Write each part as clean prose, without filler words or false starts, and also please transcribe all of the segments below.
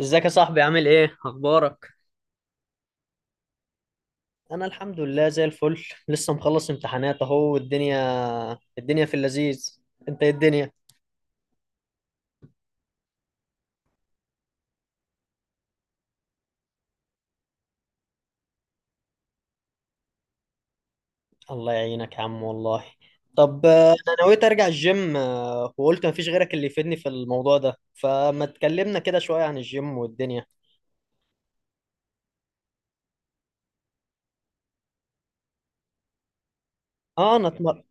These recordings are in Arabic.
ازيك يا صاحبي، عامل ايه؟ اخبارك؟ انا الحمد لله زي الفل، لسه مخلص امتحانات اهو والدنيا الدنيا في اللذيذ. انت ايه الدنيا؟ الله يعينك يا عم والله. طب انا نويت ارجع الجيم، وقلت مفيش غيرك اللي يفيدني في الموضوع ده، فما تكلمنا كده شوية عن الجيم والدنيا. اه انا اتمر...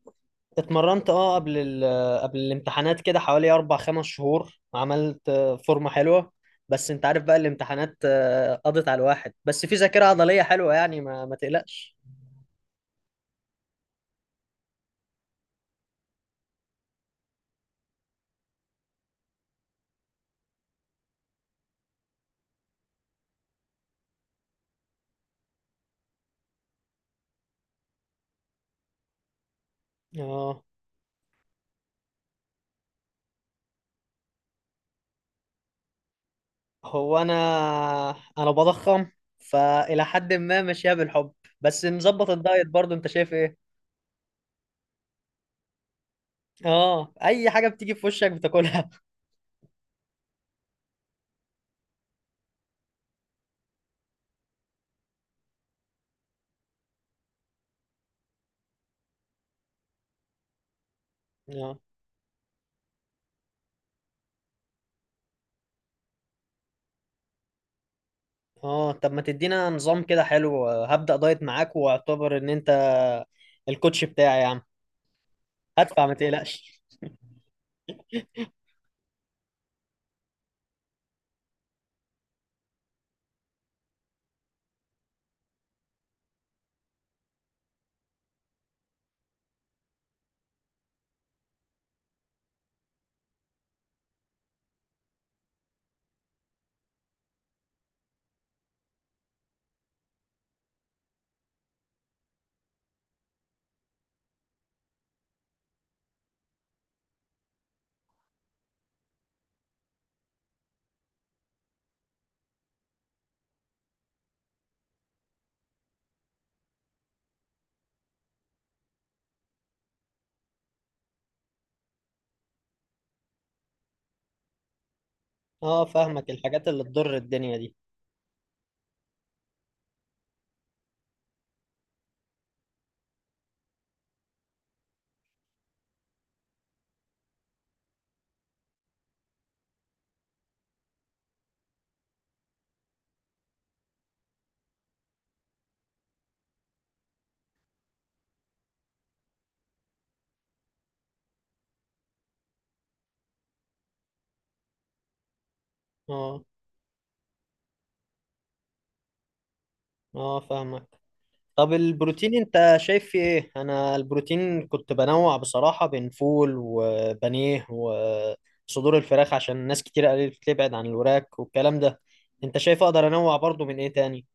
اتمرنت اه قبل قبل الامتحانات كده حوالي اربع خمس شهور، عملت فورمة حلوة. بس انت عارف بقى الامتحانات قضت على الواحد، بس في ذاكرة عضلية حلوة يعني ما تقلقش. اه، هو انا بضخم، فالى حد ما ماشيها بالحب، بس مظبط الدايت برضو. انت شايف ايه؟ اه، اي حاجة بتيجي في وشك بتاكلها. اه، اه طب ما تدينا نظام كده حلو، هبدأ دايت معاك واعتبر ان انت الكوتش بتاعي يا عم. هدفع ما تقلقش. اه فاهمك، الحاجات اللي تضر الدنيا دي. اه، اه فاهمك. طب البروتين انت شايف في ايه؟ انا البروتين كنت بنوع بصراحة بين فول وبانيه وصدور الفراخ، عشان ناس كتير قالت لي ابعد عن الوراك والكلام ده. انت شايف اقدر انوع برضو من ايه تاني؟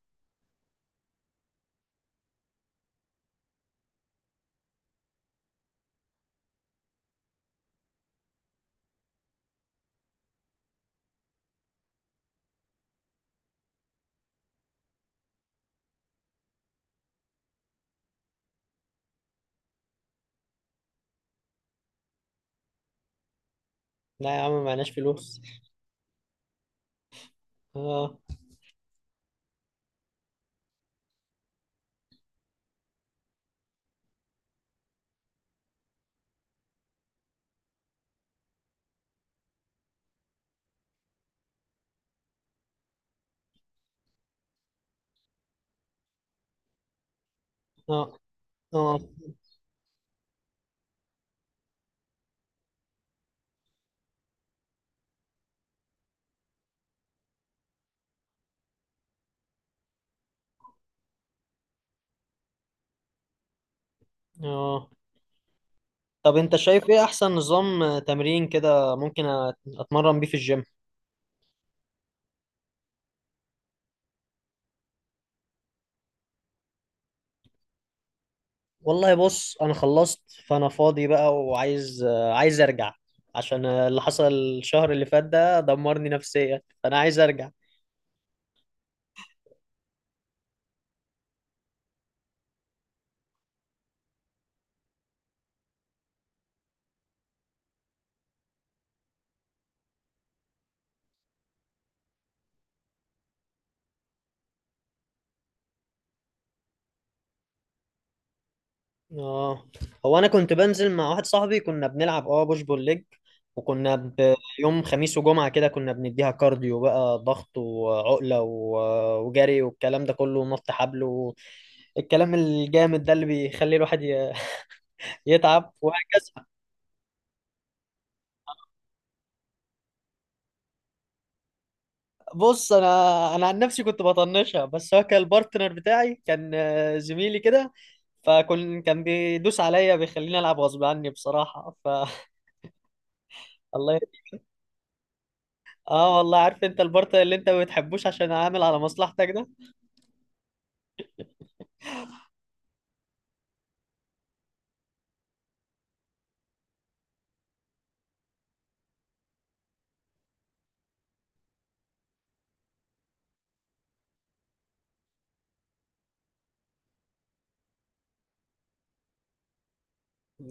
لا يا عم، معناش فلوس. اه، اه، اه، اه طب انت شايف ايه احسن نظام تمرين كده ممكن اتمرن بيه في الجيم؟ والله بص، انا خلصت، فانا فاضي بقى وعايز، عايز ارجع. عشان اللي حصل الشهر اللي فات ده دمرني نفسيا، فانا عايز ارجع. اه، هو انا كنت بنزل مع واحد صاحبي، كنا بنلعب اه بوش بول ليج، وكنا يوم خميس وجمعة كده كنا بنديها كارديو بقى، ضغط وعقلة وجري والكلام ده كله، ونط حبل والكلام الجامد ده اللي بيخلي الواحد يتعب وهكذا. بص، انا عن نفسي كنت بطنشها، بس هو كان البارتنر بتاعي كان، زميلي كده، فكان بيدوس عليا بيخليني العب غصب عني بصراحه ف الله اه والله، عارف انت البارتنر اللي انت ما بتحبوش عشان عامل على مصلحتك ده.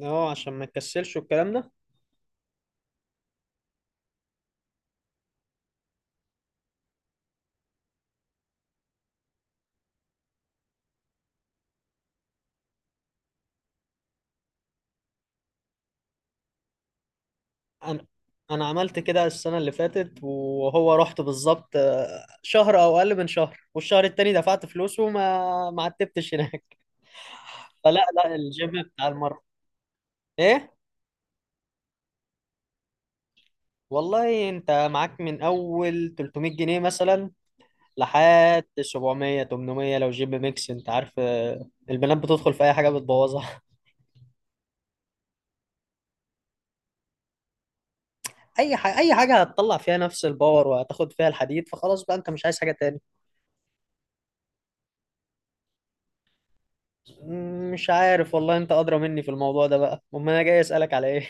اه عشان ما تكسلش والكلام ده. انا انا عملت كده السنه اللي فاتت، وهو رحت بالظبط شهر او اقل من شهر، والشهر التاني دفعت فلوس ما عتبتش هناك. فلا لا، الجيم بتاع المره ايه؟ والله انت معاك من اول 300 جنيه مثلا لحد 700 800، لو جيب ميكس انت عارف، البنات بتدخل في اي حاجه بتبوظها. اي حاجه، اي حاجه هتطلع فيها نفس الباور وهتاخد فيها الحديد، فخلاص بقى انت مش عايز حاجه تاني. مش عارف والله، انت ادرى مني في الموضوع ده بقى، امال انا جاي اسالك على ايه؟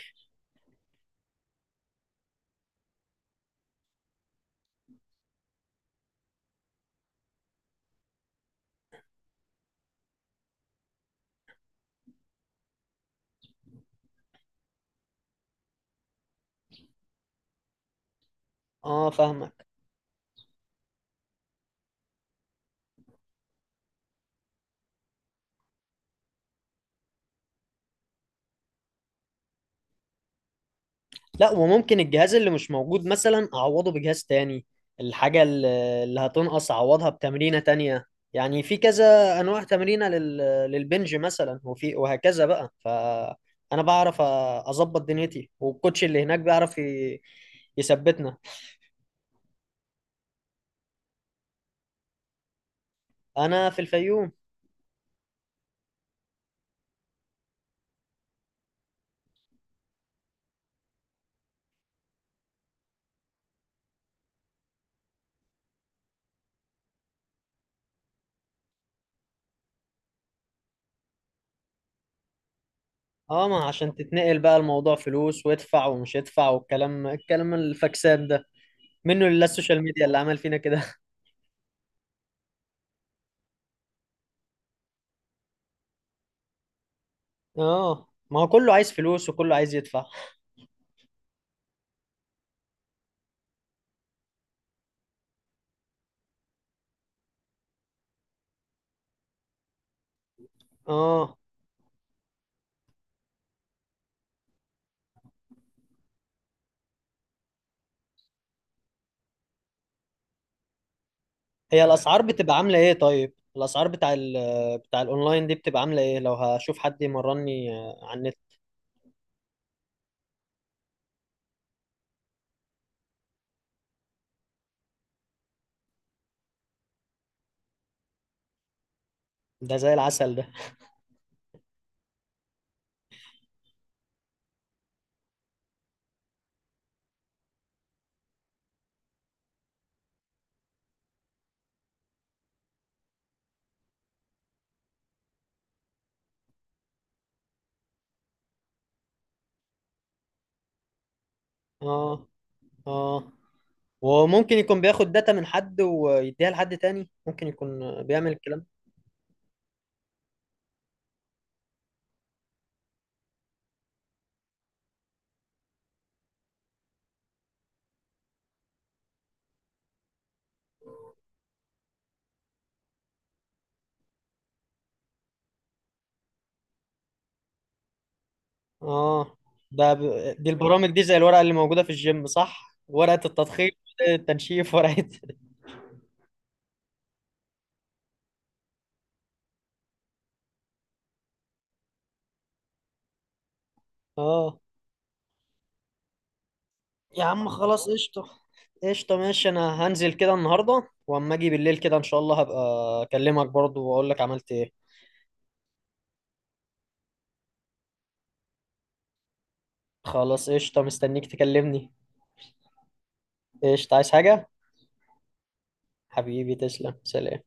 اه فاهمك. لا، وممكن الجهاز اللي مش موجود مثلا اعوضه بجهاز تاني، الحاجة اللي هتنقص اعوضها بتمرينة تانية. يعني في كذا انواع تمرينة للبنج مثلا، وفي وهكذا بقى، فانا بعرف اظبط دنيتي، والكوتش اللي هناك بيعرف يثبتنا. انا في الفيوم. اه ما عشان تتنقل بقى، الموضوع فلوس، وادفع ومش ادفع والكلام الفاكسات ده، منه لله السوشيال ميديا اللي عمل فينا كده. اه، ما هو كله عايز فلوس وكله عايز يدفع. اه، هي الاسعار بتبقى عامله ايه؟ طيب الاسعار بتاع بتاع الاونلاين دي بتبقى عامله ايه، لو هشوف حد يمرني على النت؟ ده زي العسل ده. اه، اه وممكن يكون بياخد داتا من حد ويديها لحد تاني، ممكن يكون بيعمل الكلام. اه ده ب... دي البرامج دي زي الورقه اللي موجوده في الجيم صح، ورقه التضخيم، ورقة التنشيف، ورقه اه. يا عم خلاص قشطه، قشطه ماشي. انا هنزل كده النهارده، واما اجي بالليل كده ان شاء الله هبقى اكلمك برضو واقول لك عملت ايه. خلاص قشطة، مستنيك تكلمني. قشطة، عايز حاجة؟ حبيبي تسلم، سلام.